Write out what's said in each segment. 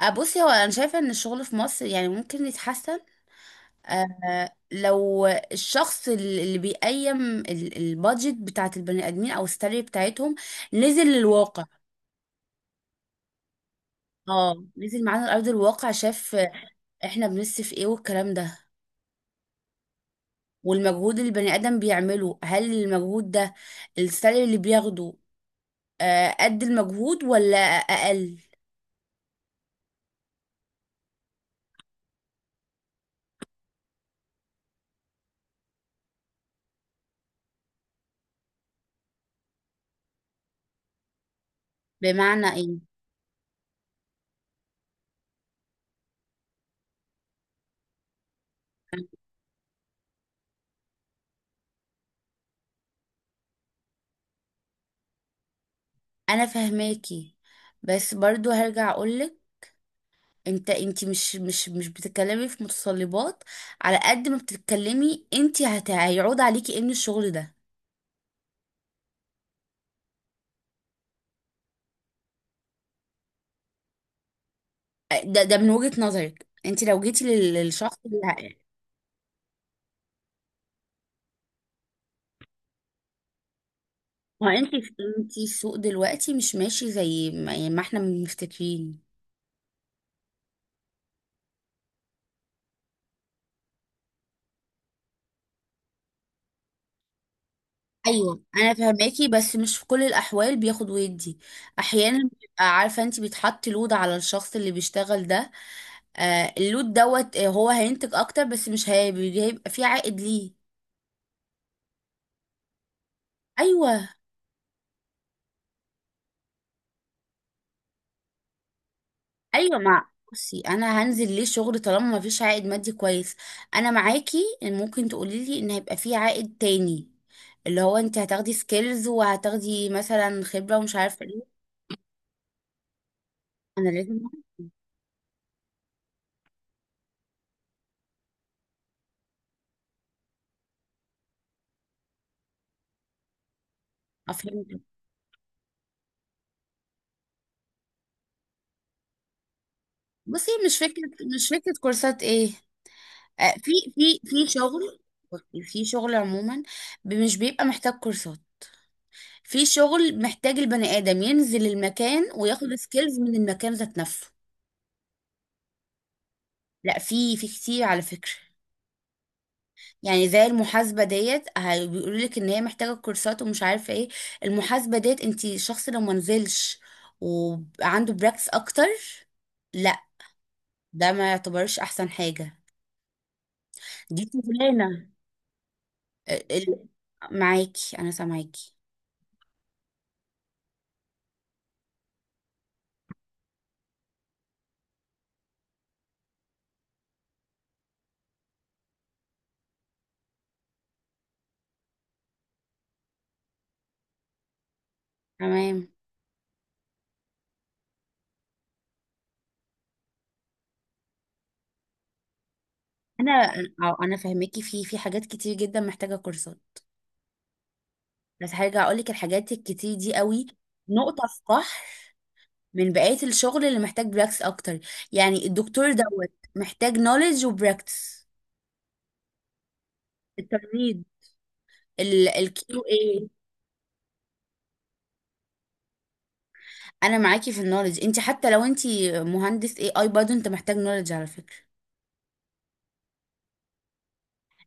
بصي، هو انا شايفه ان الشغل في مصر يعني ممكن يتحسن. لو الشخص اللي بيقيم البادجت بتاعت البني ادمين او السالري بتاعتهم نزل للواقع. اه، نزل معانا لارض الواقع، شاف احنا بنصرف ايه والكلام ده، والمجهود اللي البني ادم بيعمله، هل المجهود ده السالري اللي بياخده قد المجهود ولا اقل؟ بمعنى ايه؟ انا فهماكي، بس برضو هرجع اقولك. انت مش بتتكلمي في متطلبات. على قد ما بتتكلمي انت هيعود عليكي ان الشغل ده. ده من وجهة نظرك انت لو جيتي للشخص اللي ما انت السوق دلوقتي مش ماشي زي ما احنا مفتكرين. ايوه، انا فهماكي بس مش في كل الاحوال بياخد ويدي. احيانا بيبقى عارفه، انت بيتحط لود على الشخص اللي بيشتغل ده. اللود دوت، هو هينتج اكتر بس مش هي- هيبقى فيه عائد ليه؟ ايوه، ايوه. بصي، انا هنزل ليه شغل طالما ما فيش عائد مادي كويس؟ انا معاكي ان ممكن تقولي لي ان هيبقى فيه عائد تاني، اللي هو انت هتاخدي سكيلز وهتاخدي مثلا خبرة ومش عارفة ايه. انا لازم افهم. بصي، مش فكرة كورسات ايه. في شغل، في شغل عموما مش بيبقى محتاج كورسات. في شغل محتاج البني ادم ينزل المكان وياخد سكيلز من المكان ذات نفسه. لا، في كتير على فكرة. يعني زي المحاسبة ديت، بيقولوا لك ان هي محتاجة كورسات ومش عارفة ايه. المحاسبة ديت انت شخص لو ما نزلش وعنده براكتس اكتر، لا، ده ما يعتبرش احسن حاجة. دي شغلانة ال- ال- معاكي، انا سامعاكي. تمام. انا، أو فاهماكي. في حاجات كتير جدا محتاجة كورسات، بس هرجع اقول لك الحاجات الكتير دي قوي نقطة في بحر من بقية الشغل اللي محتاج براكتس اكتر. يعني الدكتور دوت محتاج نوليدج وبراكتس. التمريض، الكيو اي. انا معاكي في النولج. انت حتى لو انت مهندس اي اي برضه انت محتاج نولج على فكره.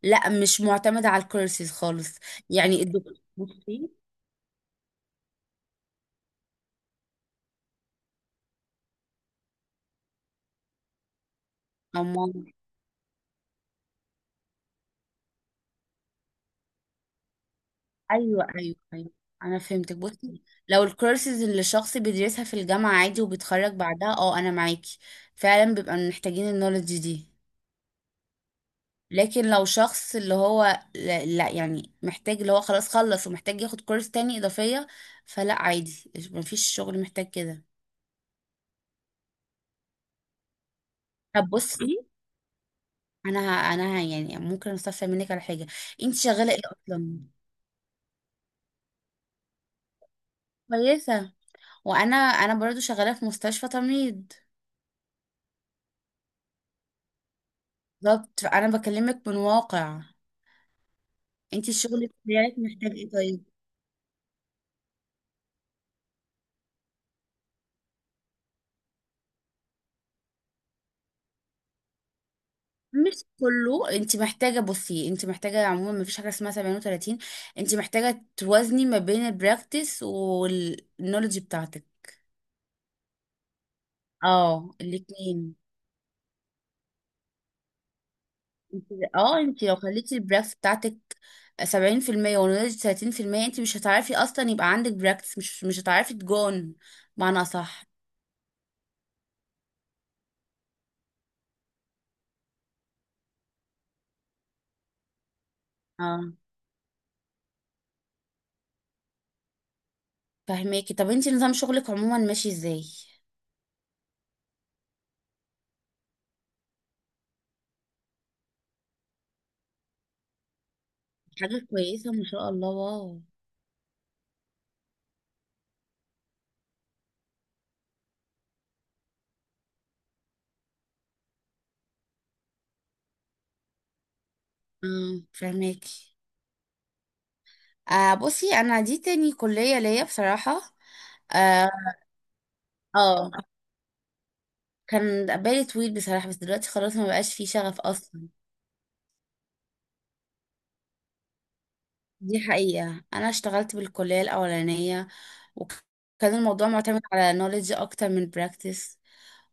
لا، مش معتمده على الكورسز خالص. يعني الدكتور بصي أما ايوه، ايوه، ايوه، انا فهمتك. بصي، لو الكورسز اللي الشخص بيدرسها في الجامعه عادي وبيتخرج بعدها، اه، انا معاكي. فعلا بيبقى محتاجين النولج دي. لكن لو شخص اللي هو، لا لا، يعني محتاج اللي هو خلاص خلص ومحتاج ياخد كورس تاني إضافية، فلا، عادي، مفيش شغل محتاج كده. طب بصي، يعني ممكن استفسر منك على حاجة؟ انت شغالة ايه اصلا؟ كويسة. وانا، انا برضو شغالة في مستشفى تمريض. بالظبط، فانا بكلمك من واقع. انت الشغل بتاعك محتاج ايه طيب؟ مش كله انت محتاجه. بصي، انت محتاجه عموما، ما فيش حاجه اسمها 37. انت محتاجه توازني ما بين البراكتس والنولج بتاعتك. اه، الاثنين. اه، انت لو خليتي البراكتس بتاعتك 70% والنولج 30%، انت مش هتعرفي اصلا يبقى عندك براكتس، مش هتعرفي تجون معنى، صح؟ اه، فهماكي. طب انت نظام شغلك عموما ماشي ازاي؟ حاجه كويسه، ما شاء الله، واو. اه، فهماكي. بصي، انا دي تاني كلية ليا بصراحة. اه. آه، كان بالي طويل بصراحة بس دلوقتي خلاص ما بقاش فيه شغف اصلا. دي حقيقة. انا اشتغلت بالكلية الاولانية وكان الموضوع معتمد على نوليدج اكتر من براكتس،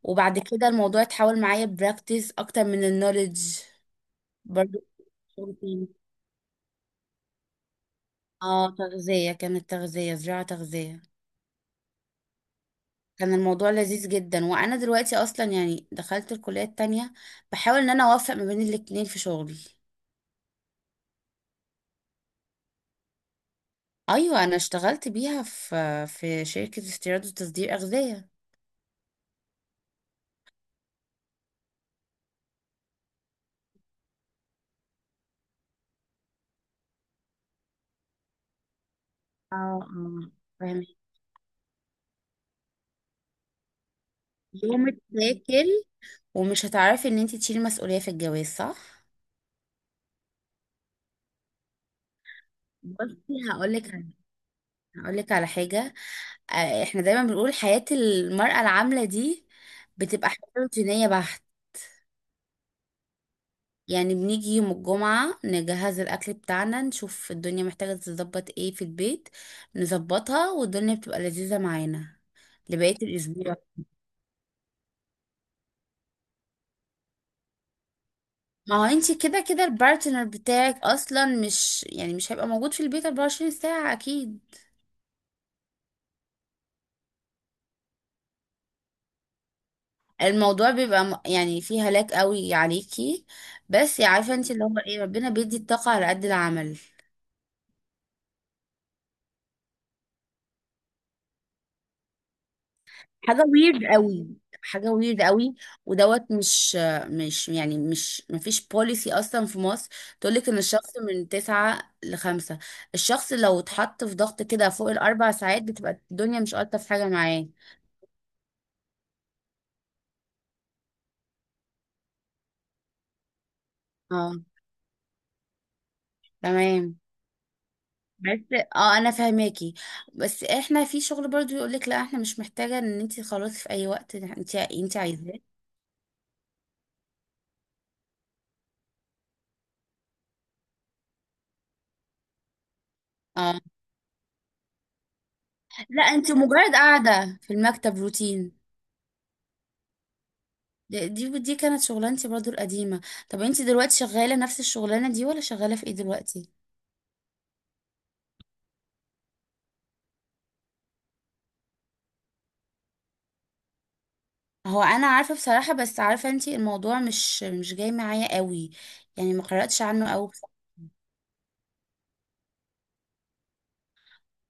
وبعد كده الموضوع اتحول معايا براكتس اكتر من النوليدج. برضو شغل تاني. اه، تغذية، كانت تغذية زراعة تغذية. كان الموضوع لذيذ جدا. وانا دلوقتي اصلا يعني دخلت الكلية التانية، بحاول ان انا اوفق ما بين الاتنين في شغلي. ايوه، انا اشتغلت بيها في شركة استيراد وتصدير اغذية. اه، آه. فاهمة. يوم تاكل، ومش هتعرفي ان انت تشيلي مسؤولية في الجواز، صح. بصي، هقولك على حاجة. احنا دايما بنقول حياة المرأة العاملة دي بتبقى حياة روتينية بحت. يعني بنيجي يوم الجمعة نجهز الأكل بتاعنا، نشوف الدنيا محتاجة تتظبط ايه في البيت، نظبطها، والدنيا بتبقى لذيذة معانا لبقية الأسبوع. ما هو انتي كده كده البارتنر بتاعك أصلا مش، يعني مش هيبقى موجود في البيت 24 ساعة أكيد. الموضوع بيبقى يعني فيه هلاك قوي عليكي، بس عارفة انتي اللي هو ايه، ربنا بيدي الطاقة على قد العمل. حاجة ويرد قوي، حاجة ويرد قوي. ودوت، مش يعني مش، مفيش بوليسي أصلا في مصر تقولك إن الشخص من تسعة لخمسة. الشخص لو اتحط في ضغط كده فوق الأربع ساعات بتبقى الدنيا مش ألطف حاجة معاه. اه، تمام. بس انا فاهماكي، بس احنا في شغل برضو يقولك لا، احنا مش محتاجة ان انتي خلاص في اي وقت انتي عايزاه. اه. لا، انتي مجرد قاعدة في المكتب، روتين. دي كانت شغلانتي برضو القديمة. طب انتي دلوقتي شغالة نفس الشغلانة دي ولا شغالة في ايه دلوقتي؟ هو انا عارفة بصراحة، بس عارفة انتي الموضوع مش جاي معايا قوي. يعني ما قرأتش عنه قوي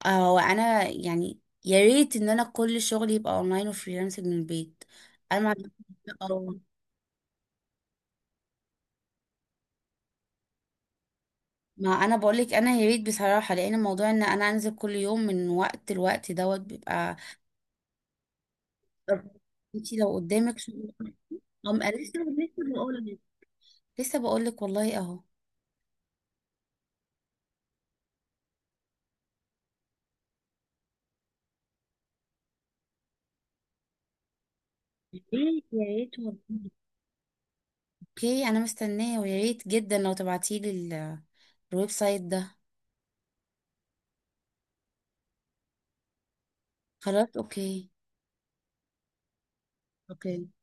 هو انا يعني، يا ريت ان انا كل شغلي يبقى اونلاين وفريلانسنج من البيت. انا ما عنديش- اه. ما انا بقولك، انا يا ريت بصراحة، لان موضوع ان انا انزل كل يوم من وقت لوقت دوت بيبقى. طب انتي لو قدامك شغل، لسه لسه بقولك، لسه بقولك والله اهو. يا ريت، يا ريت والله. اوكي، انا مستنية ويا ريت جدا لو تبعتيلي الويب سايت ده. خلاص، اوكي. اوكي.